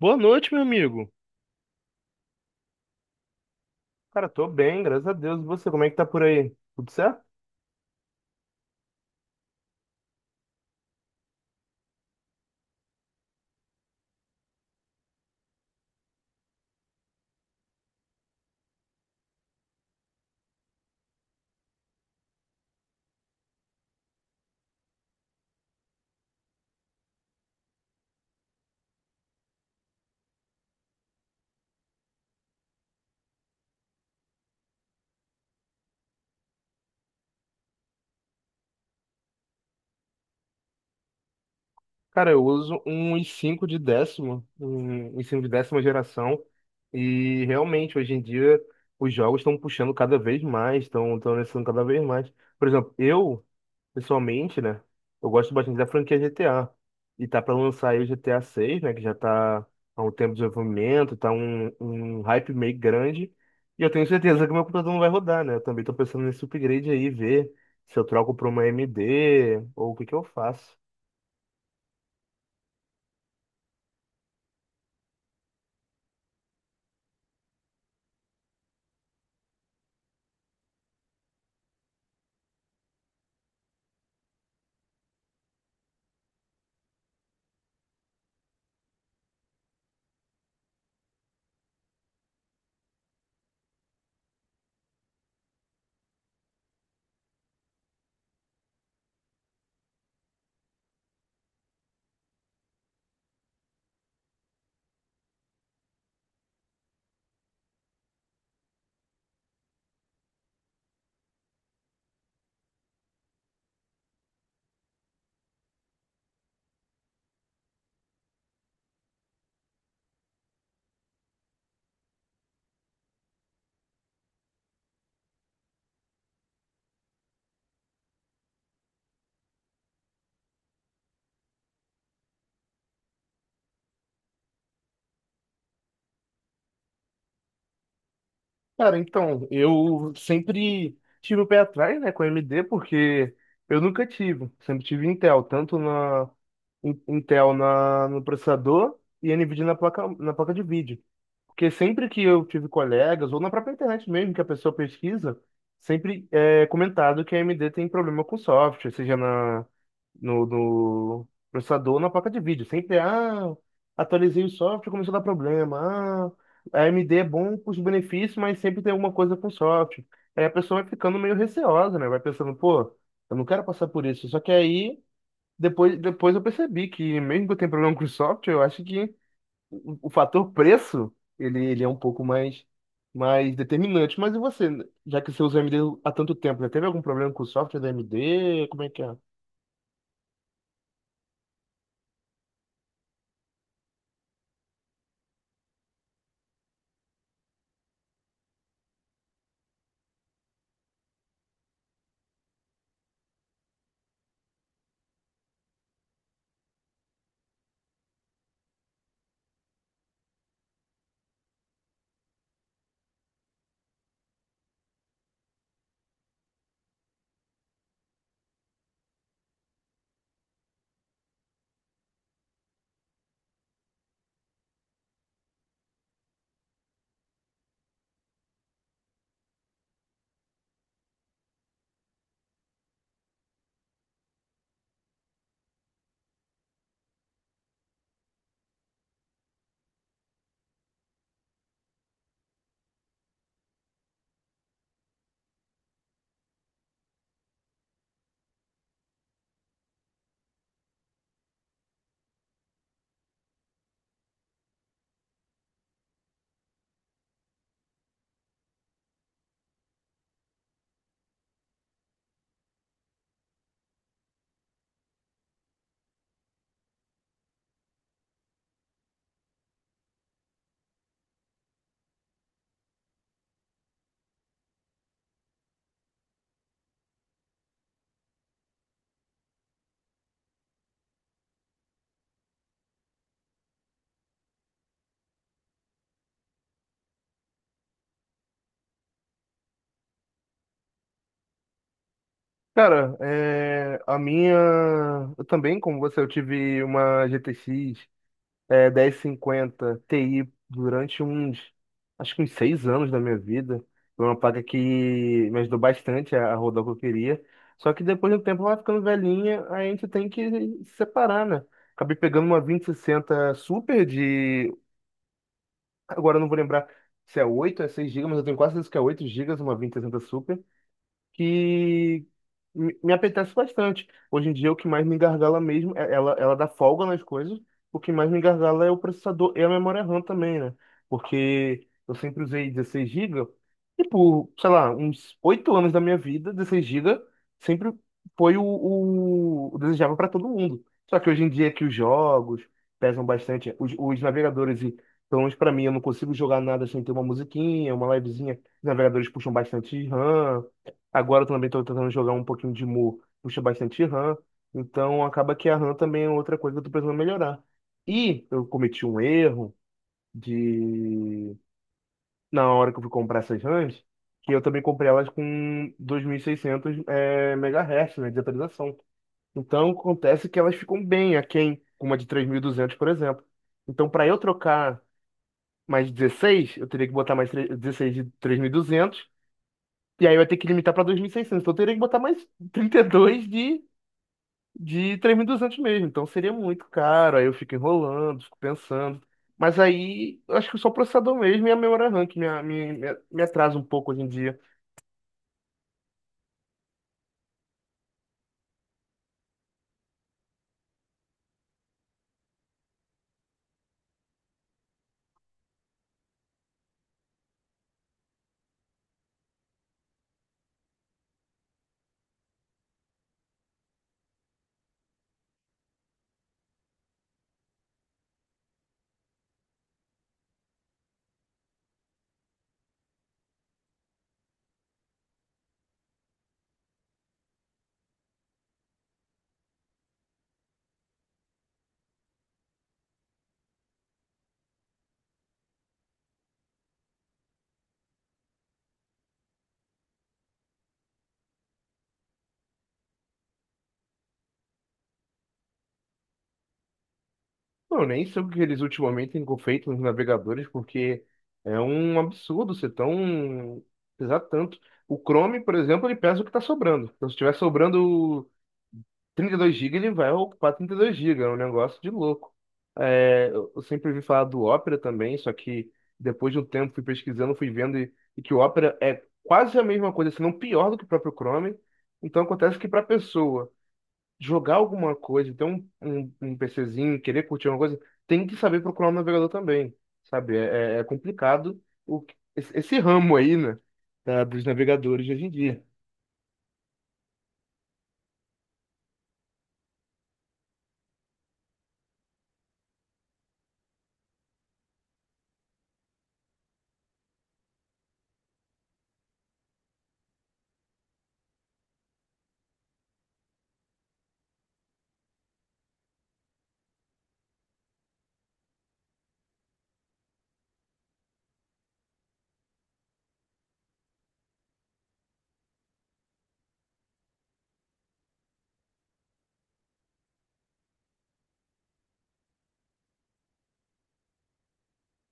Boa noite, meu amigo. Cara, tô bem, graças a Deus. E você, como é que tá por aí? Tudo certo? Cara, eu uso um i cinco de décimo, um i5 de décima geração, e realmente, hoje em dia, os jogos estão puxando cada vez mais, estão necessitando cada vez mais. Por exemplo, eu pessoalmente, né? Eu gosto bastante da franquia GTA. E tá pra lançar aí o GTA 6, né? Que já tá há um tempo de desenvolvimento, tá um hype meio grande. E eu tenho certeza que meu computador não vai rodar, né? Eu também tô pensando nesse upgrade aí, ver se eu troco pra uma AMD ou o que que eu faço. Cara, então, eu sempre tive o pé atrás, né, com a AMD, porque eu nunca tive. Sempre tive Intel, tanto na Intel no processador e NVIDIA na placa de vídeo. Porque sempre que eu tive colegas, ou na própria internet mesmo, que a pessoa pesquisa, sempre é comentado que a AMD tem problema com software, seja na, no, no processador ou na placa de vídeo. Sempre, ah, atualizei o software, começou a dar problema. Ah, a AMD é bom com os benefícios, mas sempre tem alguma coisa com o software. Aí a pessoa vai ficando meio receosa, né? Vai pensando, pô, eu não quero passar por isso. Só que aí, depois eu percebi que, mesmo que eu tenha problema com o software, eu acho que o fator preço, ele é um pouco mais determinante. Mas e você, já que você usa AMD há tanto tempo, já teve algum problema com o software da AMD? Como é que é? Cara, é, a minha. Eu também, como você, eu tive uma GTX 1050 Ti durante uns, acho que uns 6 anos da minha vida. Foi uma placa que me ajudou bastante a rodar o que eu queria. Só que depois do tempo ela vai ficando velhinha, aí a gente tem que se separar, né? Acabei pegando uma 2060 Super de. Agora eu não vou lembrar se é 8 é 6 gigas, mas eu tenho quase certeza que é 8 gigas, uma 2060 Super que me apetece bastante. Hoje em dia, o que mais me gargala mesmo, ela dá folga nas coisas, o que mais me gargala é o processador e a memória RAM também, né? Porque eu sempre usei 16 gigas e, por, sei lá, uns 8 anos da minha vida, 16 gigas sempre foi o desejável para todo mundo. Só que hoje em dia é que os jogos pesam bastante, os navegadores e, pelo menos para mim, eu não consigo jogar nada sem ter uma musiquinha, uma livezinha. Os navegadores puxam bastante RAM. Agora eu também estou tentando jogar um pouquinho de Mu, puxa bastante RAM, então acaba que a RAM também é outra coisa que eu estou precisando melhorar. E eu cometi um erro de, na hora que eu fui comprar essas RAMs, que eu também comprei elas com 2.600 MHz, né, de atualização. Então acontece que elas ficam bem aquém, com uma de 3.200, por exemplo. Então, para eu trocar mais 16, eu teria que botar mais 16 de 3.200, e aí vai ter que limitar para 2.600. Então eu teria que botar mais 32 de 3.200 mesmo. Então seria muito caro. Aí eu fico enrolando, fico pensando. Mas aí eu acho que só o processador mesmo e a memória RAM que me atrasa um pouco hoje em dia. Pô, eu nem sei o que eles ultimamente têm feito nos navegadores, porque é um absurdo ser tão, pesar tanto. O Chrome, por exemplo, ele pesa o que está sobrando. Então, se estiver sobrando 32 gigas, ele vai ocupar 32 gigas. É um negócio de louco. É, eu sempre ouvi falar do Opera também, só que depois de um tempo fui pesquisando, fui vendo, e que o Opera é quase a mesma coisa, se não pior do que o próprio Chrome. Então acontece que, para a pessoa jogar alguma coisa, ter um PCzinho, querer curtir alguma coisa, tem que saber procurar um navegador também, sabe? É complicado esse ramo aí, né, dos navegadores de hoje em dia.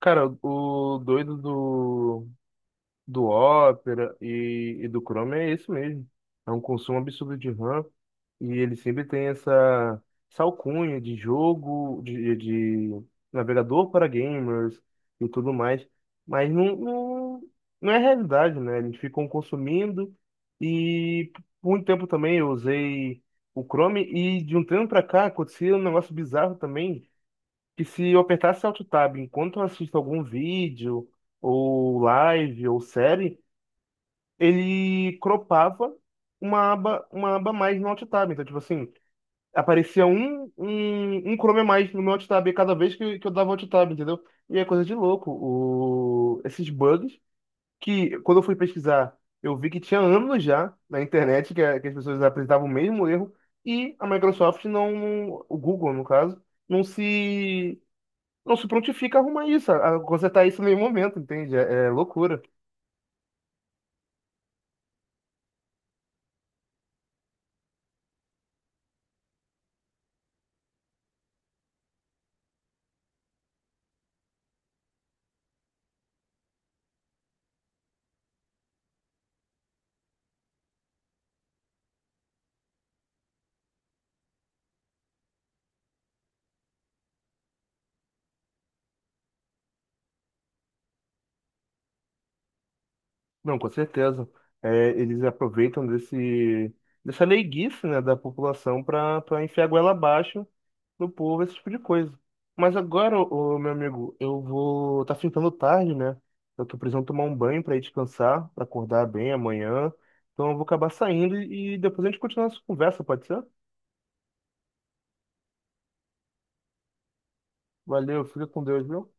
Cara, o doido do Opera e do Chrome é isso mesmo. É um consumo absurdo de RAM, e ele sempre tem essa alcunha de jogo, de navegador para gamers e tudo mais. Mas não, não, não é realidade, né? Eles ficam consumindo, e por muito tempo também eu usei o Chrome, e de um tempo para cá acontecia um negócio bizarro também, que, se eu apertasse Alt Tab enquanto eu assisto algum vídeo ou live ou série, ele cropava uma aba a mais no alt tab. Então, tipo assim, aparecia um Chrome a mais no meu alt tab cada vez que eu dava alt tab, entendeu? E é coisa de louco. Esses bugs, que, quando eu fui pesquisar, eu vi que tinha anos já na internet que, que as pessoas apresentavam o mesmo erro, e a Microsoft não, o Google, no caso, não se, não se, prontifica a arrumar isso, a consertar isso em nenhum momento, entende? É loucura. Não, com certeza. É, eles aproveitam dessa leiguice, né, da população, para enfiar a goela abaixo no povo, esse tipo de coisa. Mas agora, ô, meu amigo, eu vou. Tá ficando tarde, né? Eu tô precisando tomar um banho para ir descansar, para acordar bem amanhã. Então eu vou acabar saindo, e depois a gente continua essa conversa, pode ser? Valeu, fica com Deus, viu?